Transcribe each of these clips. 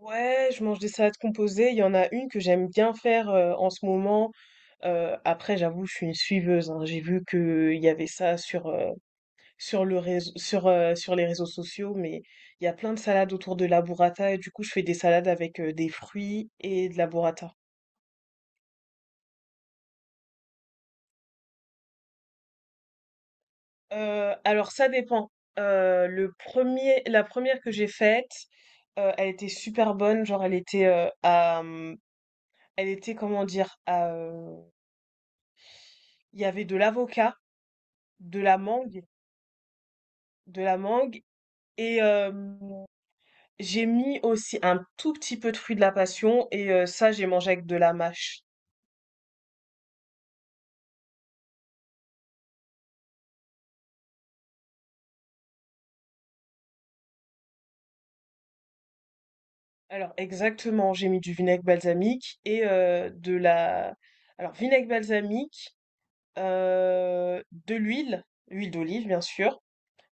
Ouais, je mange des salades composées. Il y en a une que j'aime bien faire en ce moment. Après, j'avoue, je suis une suiveuse, hein. J'ai vu qu'il y avait ça sur, sur, le réseau, sur, sur les réseaux sociaux, mais il y a plein de salades autour de la burrata. Et du coup, je fais des salades avec des fruits et de la burrata. Alors, ça dépend. La première que j'ai faite, elle était super bonne. Genre, elle était à. Elle était, comment dire, il y avait de l'avocat. De la mangue, de la mangue et hem, j'ai mis aussi un tout petit peu de fruit de la passion et ça, j'ai mangé avec de la mâche. Alors exactement, j'ai mis du vinaigre balsamique et de la alors vinaigre balsamique, de l'huile, huile d'olive bien sûr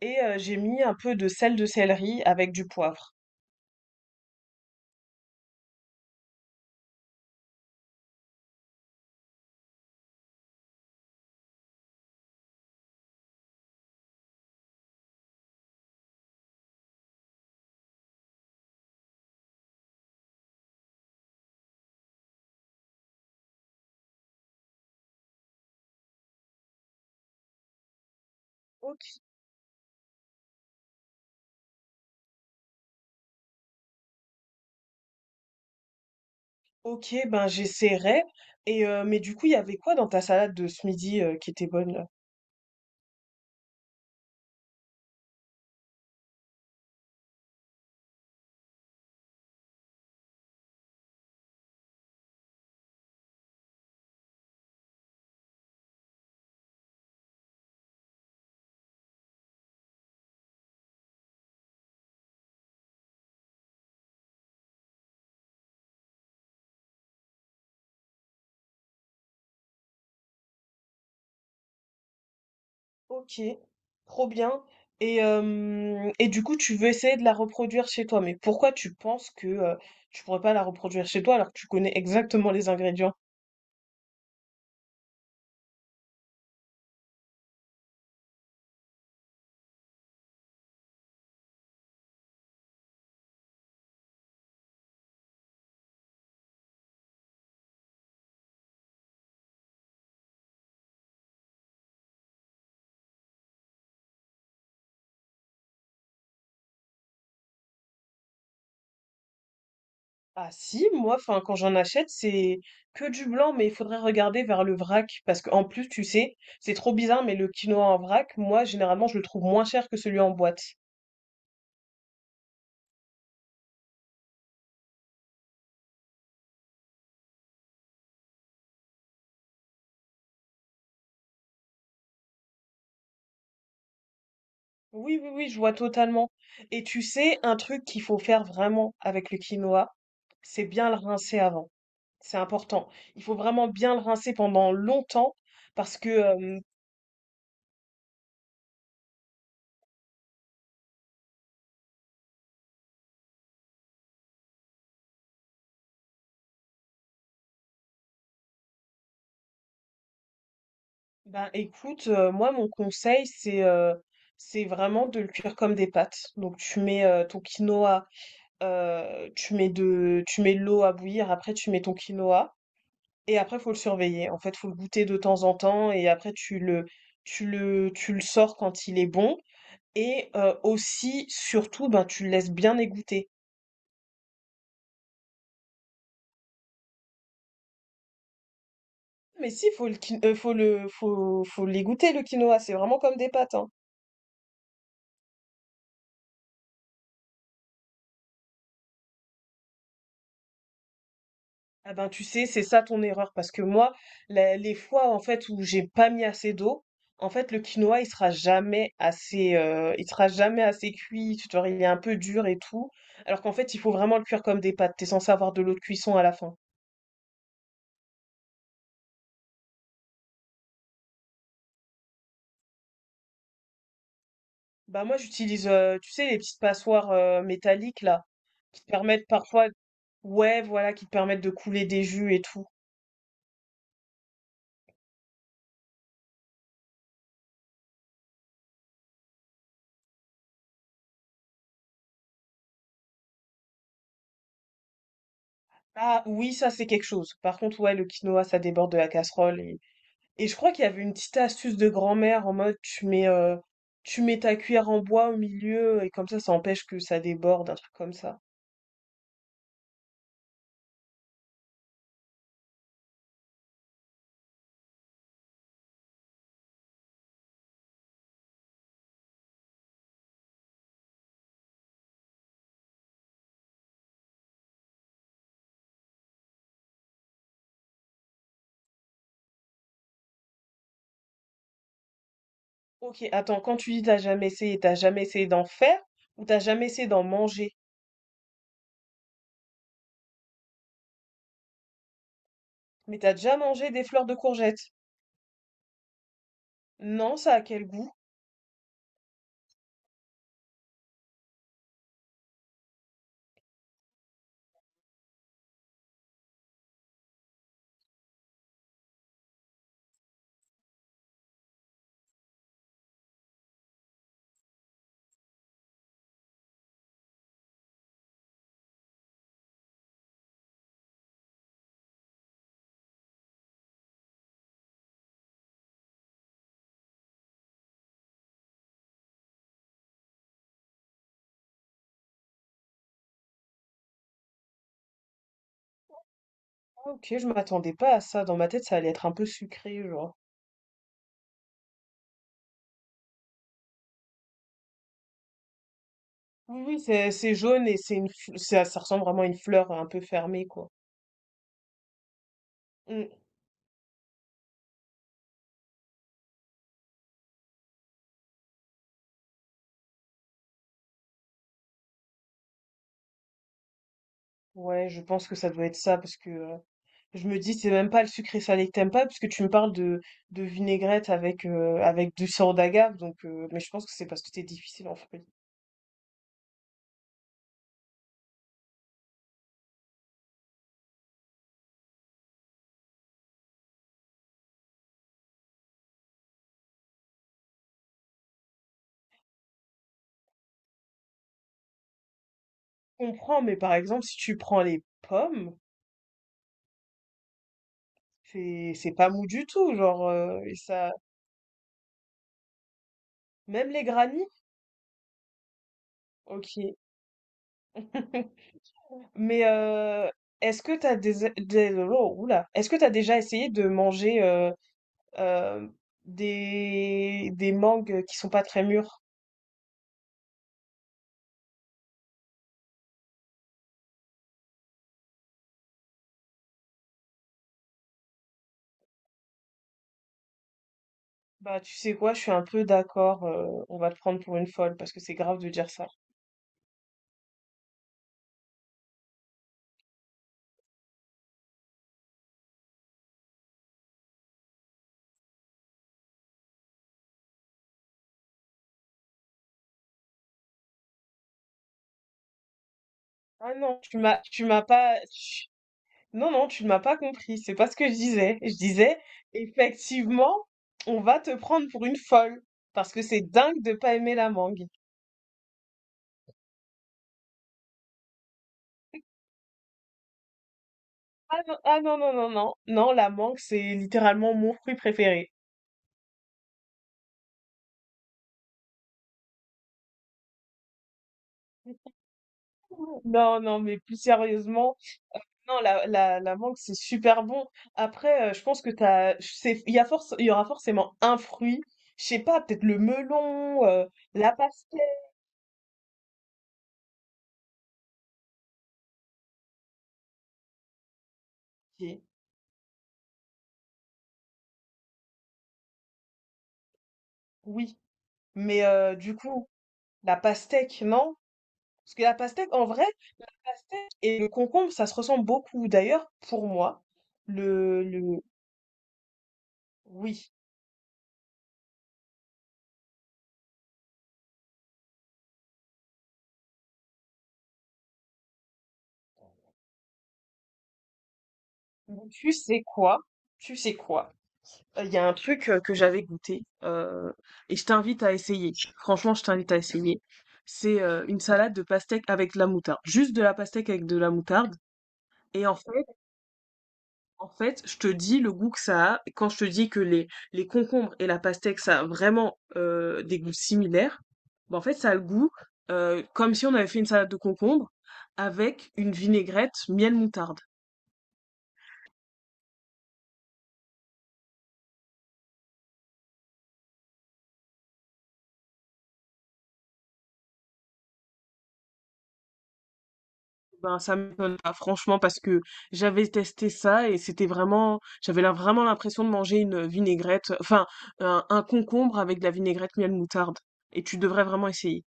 et j'ai mis un peu de sel de céleri avec du poivre. OK. OK, ben j'essaierai et mais du coup, il y avait quoi dans ta salade de ce midi, qui était bonne? Ok, trop bien. Et du coup, tu veux essayer de la reproduire chez toi. Mais pourquoi tu penses que tu pourrais pas la reproduire chez toi alors que tu connais exactement les ingrédients? Ah si, moi, enfin, quand j'en achète, c'est que du blanc, mais il faudrait regarder vers le vrac. Parce qu'en plus, tu sais, c'est trop bizarre, mais le quinoa en vrac, moi, généralement, je le trouve moins cher que celui en boîte. Oui, oui, oui, je vois totalement. Et tu sais, un truc qu'il faut faire vraiment avec le quinoa, c'est bien le rincer avant. C'est important. Il faut vraiment bien le rincer pendant longtemps parce que, hem, ben, écoute, moi, mon conseil, c'est vraiment de le cuire comme des pâtes. Donc tu mets, ton quinoa, tu mets de l'eau à bouillir, après tu mets ton quinoa et après faut le surveiller. En fait, faut le goûter de temps en temps et après tu le sors quand il est bon et aussi, surtout, ben, tu le laisses bien égoutter. Mais si, faut les goûter le quinoa, c'est vraiment comme des pâtes, hein. Ah ben, tu sais, c'est ça ton erreur parce que moi, la les fois, en fait, où j'ai pas mis assez d'eau, en fait, le quinoa, il sera jamais assez cuit, tu vois? Il est un peu dur et tout, alors qu'en fait, il faut vraiment le cuire comme des pâtes. T'es censé avoir de l'eau de cuisson à la fin. Bah, moi, j'utilise, tu sais, les petites passoires, métalliques là, qui te permettent parfois ouais, voilà, qui te permettent de couler des jus et tout. Ah oui, ça c'est quelque chose. Par contre, ouais, le quinoa, ça déborde de la casserole. Et je crois qu'il y avait une petite astuce de grand-mère en mode tu mets ta cuillère en bois au milieu et comme ça empêche que ça déborde, un truc comme ça. Ok, attends, quand tu dis t'as jamais essayé d'en faire ou t'as jamais essayé d'en manger? Mais t'as déjà mangé des fleurs de courgettes? Non, ça a quel goût? Ah, Ok, je m'attendais pas à ça. Dans ma tête, ça allait être un peu sucré, genre. Oui, oui, c'est jaune et c'est une, ça, ça ressemble vraiment à une fleur un peu fermée, quoi. Mm. Ouais, je pense que ça doit être ça parce que je me dis c'est même pas le sucré salé que t'aimes pas puisque tu me parles de vinaigrette avec avec du sirop d'agave donc mais je pense que c'est parce que c'est difficile en fait. Je comprends mais par exemple si tu prends les pommes, c'est pas mou du tout genre et ça même les granits, OK. Mais est-ce que t'as déjà essayé de manger euh, des mangues qui sont pas très mûres? Bah, tu sais quoi, je suis un peu d'accord, on va te prendre pour une folle parce que c'est grave de dire ça. Ah non, tu m'as pas, tu- non, non, tu ne m'as pas compris, c'est pas ce que je disais. Je disais, effectivement, on va te prendre pour une folle parce que c'est dingue de pas aimer la mangue. Ah non, ah non, non, non, non, non, la mangue, c'est littéralement mon fruit préféré. Non, non, mais plus sérieusement, non, la mangue, c'est super bon. Après, je pense que t'as, c'est, il y a force, il y aura forcément un fruit, je sais pas, peut-être le melon, la pastèque, oui, mais du coup, la pastèque, non? Parce que la pastèque, en vrai, la pastèque et le concombre, ça se ressemble beaucoup. D'ailleurs, pour moi, le, le, oui, tu sais quoi? Tu sais quoi? Il y a un truc que j'avais goûté et je t'invite à essayer. Franchement, je t'invite à essayer. C'est une salade de pastèque avec de la moutarde. Juste de la pastèque avec de la moutarde. Et en fait, en fait, je te dis le goût que ça a. Quand je te dis que les concombres et la pastèque, ça a vraiment des goûts similaires, bah, en fait, ça a le goût comme si on avait fait une salade de concombres avec une vinaigrette miel moutarde. Ben, ça m'étonne pas, franchement, parce que j'avais testé ça et c'était vraiment, j'avais là vraiment l'impression de manger une vinaigrette, enfin, un concombre avec de la vinaigrette miel moutarde. Et tu devrais vraiment essayer.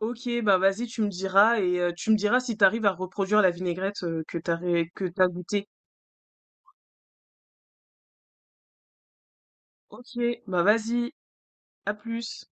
Ok, ben vas-y, tu me diras et tu me diras si t'arrives à reproduire la vinaigrette que t'as goûtée. Ok, bah vas-y, à plus.